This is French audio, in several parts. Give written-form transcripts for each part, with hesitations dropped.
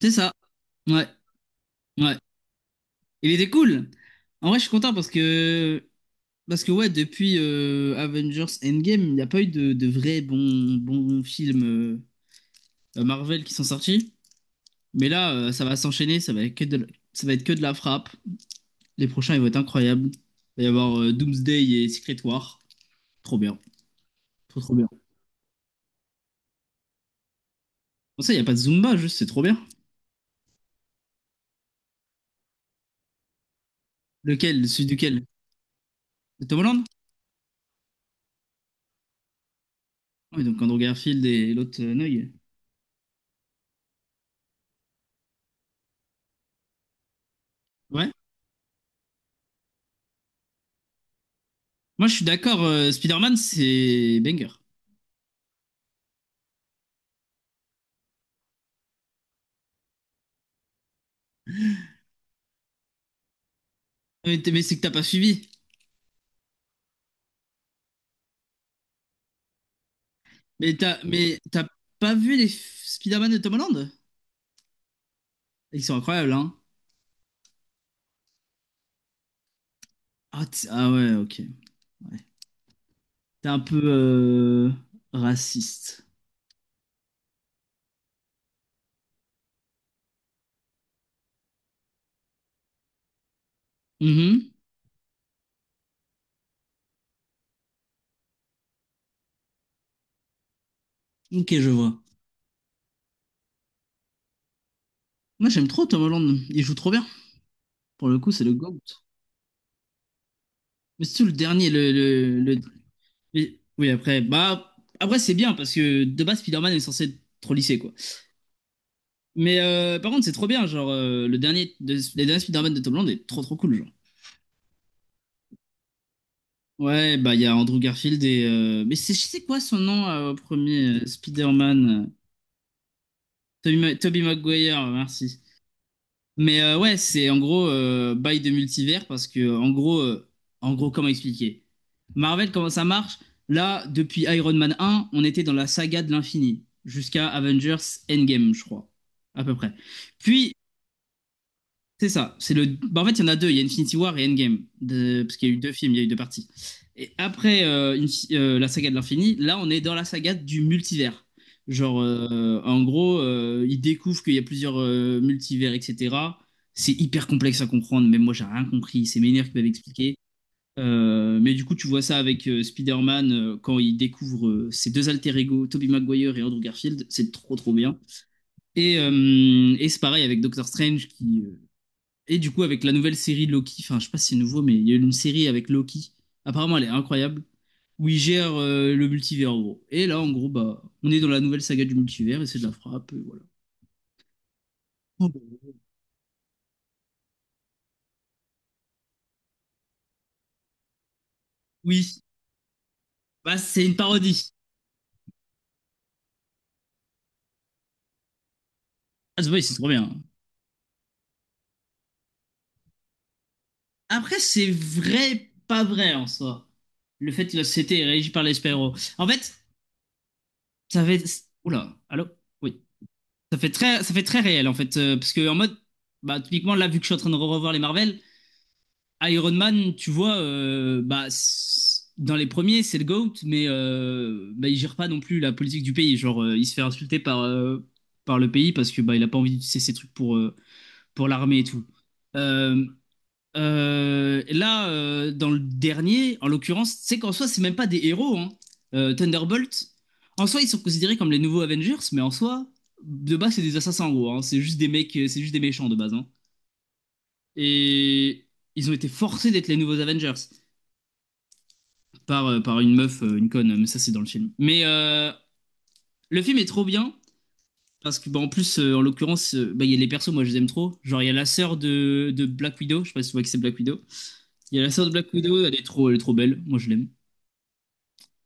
C'est ça. Ouais, ouais. Il était cool. En vrai, je suis content parce que ouais, depuis Avengers Endgame, il n'y a pas eu de vrais bons bons films Marvel qui sont sortis. Mais là, ça va s'enchaîner, ça va être que de la frappe. Les prochains, ils vont être incroyables. Il va y avoir Doomsday et Secret War. Trop bien, trop trop bien. Pour ça, il n'y a pas de Zumba, juste c'est trop bien. Lequel? Celui duquel? De Tom Holland? Oui, donc Andrew Garfield et l'autre Noy. Ouais. Moi, je suis d'accord, Spider-Man, c'est banger. Mais, mais c'est que t'as pas suivi. Mais t'as pas vu les Spider-Man de Tom Holland? Ils sont incroyables, hein? Ah, ouais, ok. Ouais. T'es un peu raciste. Mhm. Ok, je vois. Moi, j'aime trop Tom Holland. Il joue trop bien. Pour le coup, c'est le GOAT. Mais c'est tout le dernier. Oui, après, bah. Après, c'est bien, parce que de base, Spider-Man est censé être trop lissé, quoi. Mais par contre, c'est trop bien, genre, le dernier, les derniers Spider-Man de Tom Holland est trop trop cool, genre. Ouais, bah il y a Andrew Garfield et mais c'est quoi son nom au premier Spider-Man, Toby Tobey Maguire, merci. Mais ouais, c'est en gros bail de multivers parce que en gros comment expliquer? Marvel comment ça marche? Là, depuis Iron Man 1 on était dans la saga de l'infini jusqu'à Avengers Endgame, je crois, à peu près. Puis c'est ça. Bah, en fait, il y en a deux. Il y a Infinity War et Endgame. Parce qu'il y a eu deux films, il y a eu deux parties. Et après la saga de l'infini, là, on est dans la saga du multivers. Genre, en gros, ils découvrent qu'il y a plusieurs multivers, etc. C'est hyper complexe à comprendre. Même moi, j'ai rien compris. C'est mes nerfs qui m'avaient expliqué. Mais du coup, tu vois ça avec Spider-Man quand il découvre ses deux alter ego, Tobey Maguire et Andrew Garfield. C'est trop, trop bien. Et c'est pareil avec Doctor Strange qui et du coup, avec la nouvelle série Loki, enfin, je sais pas si c'est nouveau, mais il y a eu une série avec Loki. Apparemment, elle est incroyable. Où il gère le multivers, en gros. Et là, en gros, bah, on est dans la nouvelle saga du multivers et c'est de la frappe. Et voilà. Oh, bah, oui, bah, c'est une parodie. Ah, c'est vrai, c'est trop bien. Après, c'est vrai, pas vrai en soi. Le fait que la société est régie par les super-héros. En fait, ça fait. Oula, allô? Oui. Ça fait très réel, en fait. Parce que, en mode, bah, typiquement, là, vu que je suis en train de revoir les Marvel, Iron Man, tu vois, bah, dans les premiers, c'est le GOAT, mais bah, il gère pas non plus la politique du pays. Genre, il se fait insulter par le pays parce que bah, il a pas envie d'utiliser ses trucs pour l'armée et tout. Euh, Là, dans le dernier, en l'occurrence, c'est qu'en soi, c'est même pas des héros, hein. Thunderbolt, en soi, ils sont considérés comme les nouveaux Avengers, mais en soi, de base, c'est des assassins, en gros, hein. C'est juste des mecs, c'est juste des méchants de base, hein. Et ils ont été forcés d'être les nouveaux Avengers. Par une meuf, une conne, mais ça c'est dans le film. Mais le film est trop bien, parce que bah, en plus, en l'occurrence, bah, il y a les persos, moi je les aime trop. Genre il y a la sœur de Black Widow, je sais pas si tu vois que c'est Black Widow. Il y a la sœur de Black Widow, elle est trop belle, moi je l'aime.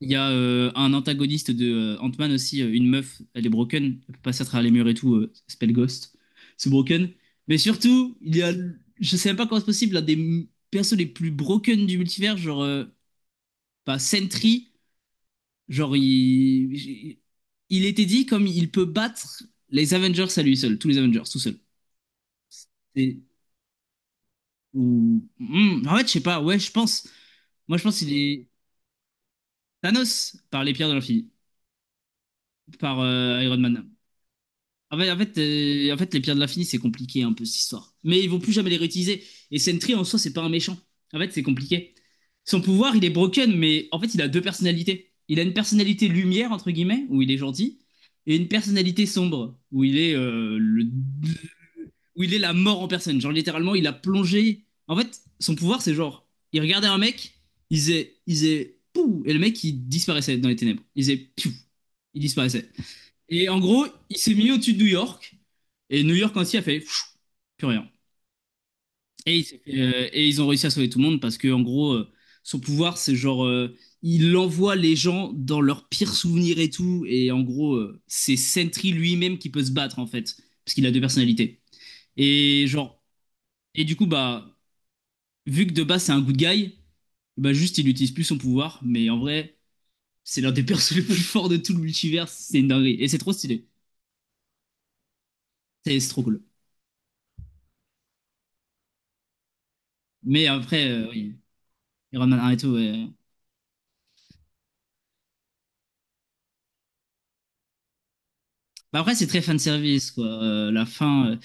Il y a un antagoniste de Ant-Man aussi, une meuf, elle est broken, elle peut passer à travers les murs et tout, elle s'appelle Ghost, c'est broken. Mais surtout, il y a, je sais même pas comment c'est possible, l'un des persos les plus broken du multivers, genre bah, Sentry. Genre, il était dit comme il peut battre les Avengers à lui seul, tous les Avengers, tout seul. Et, ou, en fait, je sais pas, ouais, je pense. Moi, je pense qu'il est Thanos par les pierres de l'infini, par Iron Man. Ah ouais, en fait, les pierres de l'infini, c'est compliqué un peu cette histoire. Mais ils vont plus jamais les réutiliser. Et Sentry en soi, c'est pas un méchant. En fait, c'est compliqué. Son pouvoir, il est broken, mais en fait, il a deux personnalités. Il a une personnalité lumière, entre guillemets, où il est gentil, et une personnalité sombre, où il est la mort en personne. Genre, littéralement, il a plongé. En fait, son pouvoir, c'est genre, il regardait un mec, il faisait, pouh, et le mec, il disparaissait dans les ténèbres. Il faisait, piou, il disparaissait. Et en gros, il s'est mis au-dessus de New York. Et New York entier a fait pfiou, plus rien. Et ils ont réussi à sauver tout le monde parce que, en gros, son pouvoir, c'est genre, il envoie les gens dans leurs pires souvenirs et tout. Et en gros, c'est Sentry lui-même qui peut se battre, en fait, parce qu'il a deux personnalités. Et genre, et du coup, bah, vu que de base, c'est un good guy, bah, juste, il utilise plus son pouvoir. Mais en vrai, c'est l'un des persos les plus forts de tout le multivers. C'est une dinguerie. Et c'est trop stylé. C'est trop cool. Mais après, oui. Iron Man 1 et tout, ouais. Bah, après, c'est très fan service, quoi. La fin.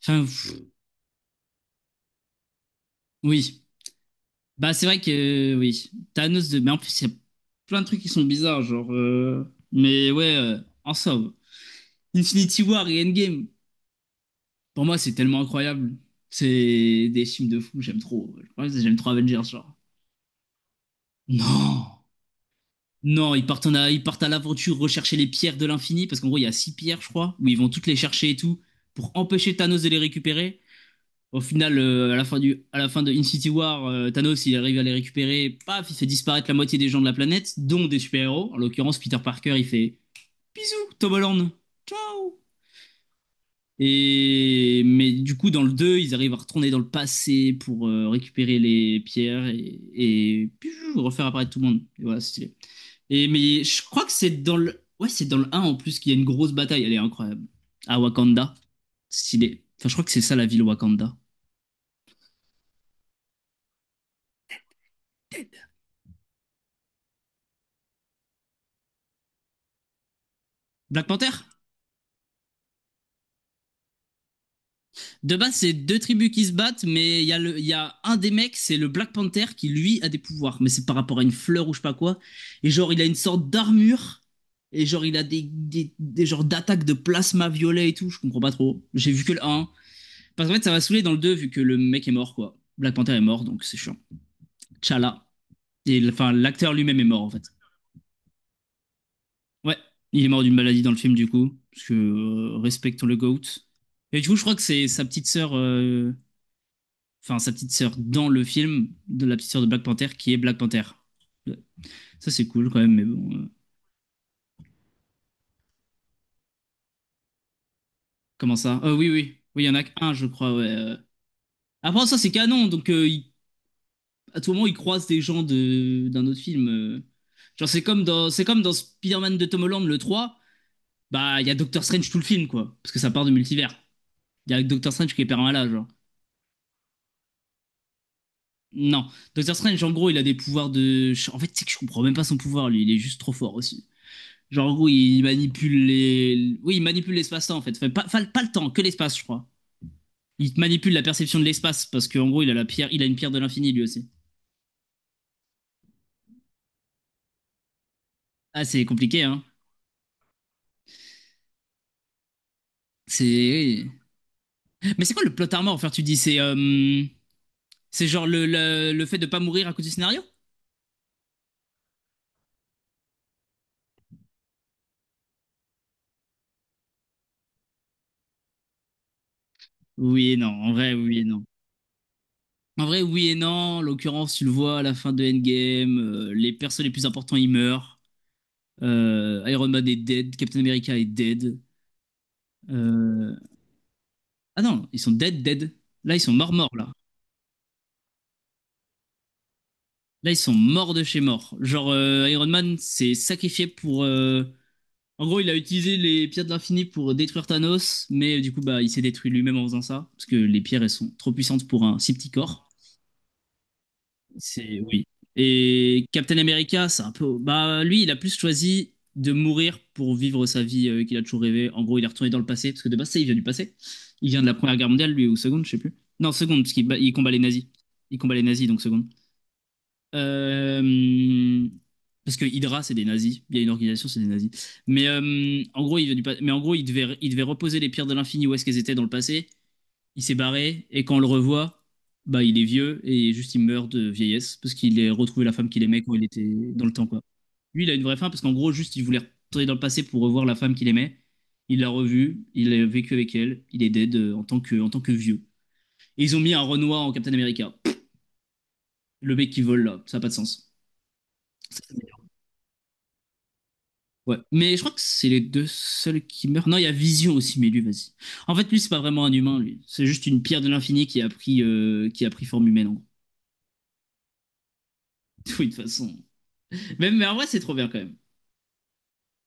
Fin, pff, oui. Bah, c'est vrai que, oui. Thanos de. Mais en plus, il y a plein de trucs qui sont bizarres, genre. Mais ouais, en somme. Infinity War et Endgame. Pour moi, c'est tellement incroyable. C'est des films de fou, j'aime trop. Je crois que j'aime trop Avengers, genre. Non! Non, ils partent, ils partent à l'aventure rechercher les pierres de l'infini, parce qu'en gros, il y a six pierres, je crois, où ils vont toutes les chercher et tout, pour empêcher Thanos de les récupérer. Au final, à la fin à la fin de Infinity War, Thanos, il arrive à les récupérer. Paf, il fait disparaître la moitié des gens de la planète, dont des super-héros. En l'occurrence, Peter Parker, il fait bisous, Tom Holland, ciao. Et mais du coup, dans le 2, ils arrivent à retourner dans le passé pour récupérer les pierres et piou, refaire apparaître tout le monde. Et voilà, c'est stylé. Et mais je crois que c'est dans le un en plus qu'il y a une grosse bataille. Elle est incroyable. À Wakanda, stylé. Enfin, je crois que c'est ça la ville Wakanda. Black Panther? De base, c'est deux tribus qui se battent, mais il y a un des mecs, c'est le Black Panther, qui lui a des pouvoirs, mais c'est par rapport à une fleur ou je sais pas quoi. Et genre, il a une sorte d'armure, et genre, il a des genres d'attaques de plasma violet et tout, je comprends pas trop. J'ai vu que le un. Parce qu'en fait, ça va saouler dans le 2 vu que le mec est mort, quoi. Black Panther est mort, donc c'est chiant. T'Challa. Et enfin, l'acteur lui-même est mort, en fait. Ouais, il est mort d'une maladie dans le film, du coup, parce que respectons le GOAT. Et du coup, je crois que c'est sa petite sœur. Enfin sa petite sœur dans le film de la petite sœur de Black Panther qui est Black Panther. Ça c'est cool quand même, mais bon. Comment ça Ah Oui, oui, oui, il y en a qu'un, je crois. ouais. Après ça c'est canon, donc à tout moment ils croisent des gens de d'un autre film. Genre c'est comme dans Spider-Man de Tom Holland le 3 bah il y a Doctor Strange tout le film quoi, parce que ça part de multivers. Il y a Doctor Strange qui est permanent genre. Non, Doctor Strange en gros il a des pouvoirs de. En fait c'est que je comprends même pas son pouvoir lui, il est juste trop fort aussi. Genre, en gros, il manipule les. Oui, il manipule l'espace-temps, en fait. Enfin, pas, pas le temps, que l'espace, je crois. Il manipule la perception de l'espace, parce qu'en gros, il a la pierre, il a une pierre de l'infini, lui aussi. Ah, c'est compliqué, hein. C'est. Oui. Mais c'est quoi le plot armor, enfin, tu dis c'est c'est genre le fait de pas mourir à cause du scénario? Oui et non, en vrai, oui et non. En vrai, oui et non. En l'occurrence, tu le vois à la fin de Endgame, les persos les plus importants, ils meurent. Iron Man est dead, Captain America est dead. Euh, Ah non, ils sont dead, dead. Là, ils sont morts, morts, là. Là, ils sont morts de chez morts. Genre, Iron Man s'est sacrifié pour. En gros, il a utilisé les pierres de l'infini pour détruire Thanos, mais du coup, bah, il s'est détruit lui-même en faisant ça, parce que les pierres, elles sont trop puissantes pour un si petit corps. C'est. Oui. Et Captain America, c'est un peu. Bah, lui, il a plus choisi de mourir pour vivre sa vie qu'il a toujours rêvé. En gros, il est retourné dans le passé, parce que de base, ça, il vient du passé. Il vient de la Première Guerre mondiale, lui, ou seconde, je sais plus. Non, seconde, parce qu'il il combat les nazis. Il combat les nazis, donc seconde. Euh, Parce que Hydra, c'est des nazis. Il y a une organisation, c'est des nazis. Mais en gros, il devait reposer les pierres de l'infini où est-ce qu'elles étaient dans le passé. Il s'est barré et quand on le revoit, bah il est vieux et juste il meurt de vieillesse parce qu'il a retrouvé la femme qu'il aimait quand il était dans le temps quoi. Lui, il a une vraie fin parce qu'en gros, juste il voulait retourner dans le passé pour revoir la femme qu'il aimait. Il l'a revue, il a vécu avec elle, il est dead en tant que vieux. Et ils ont mis un Renoir en Captain America. Le mec qui vole là, ça n'a pas de sens. Ouais, mais je crois que c'est les deux seuls qui meurent. Non, il y a Vision aussi, mais lui, vas-y. En fait, lui, c'est pas vraiment un humain, lui. C'est juste une pierre de l'infini qui a pris forme humaine, en gros. Oui, de toute façon. Même, mais en vrai, c'est trop bien quand même.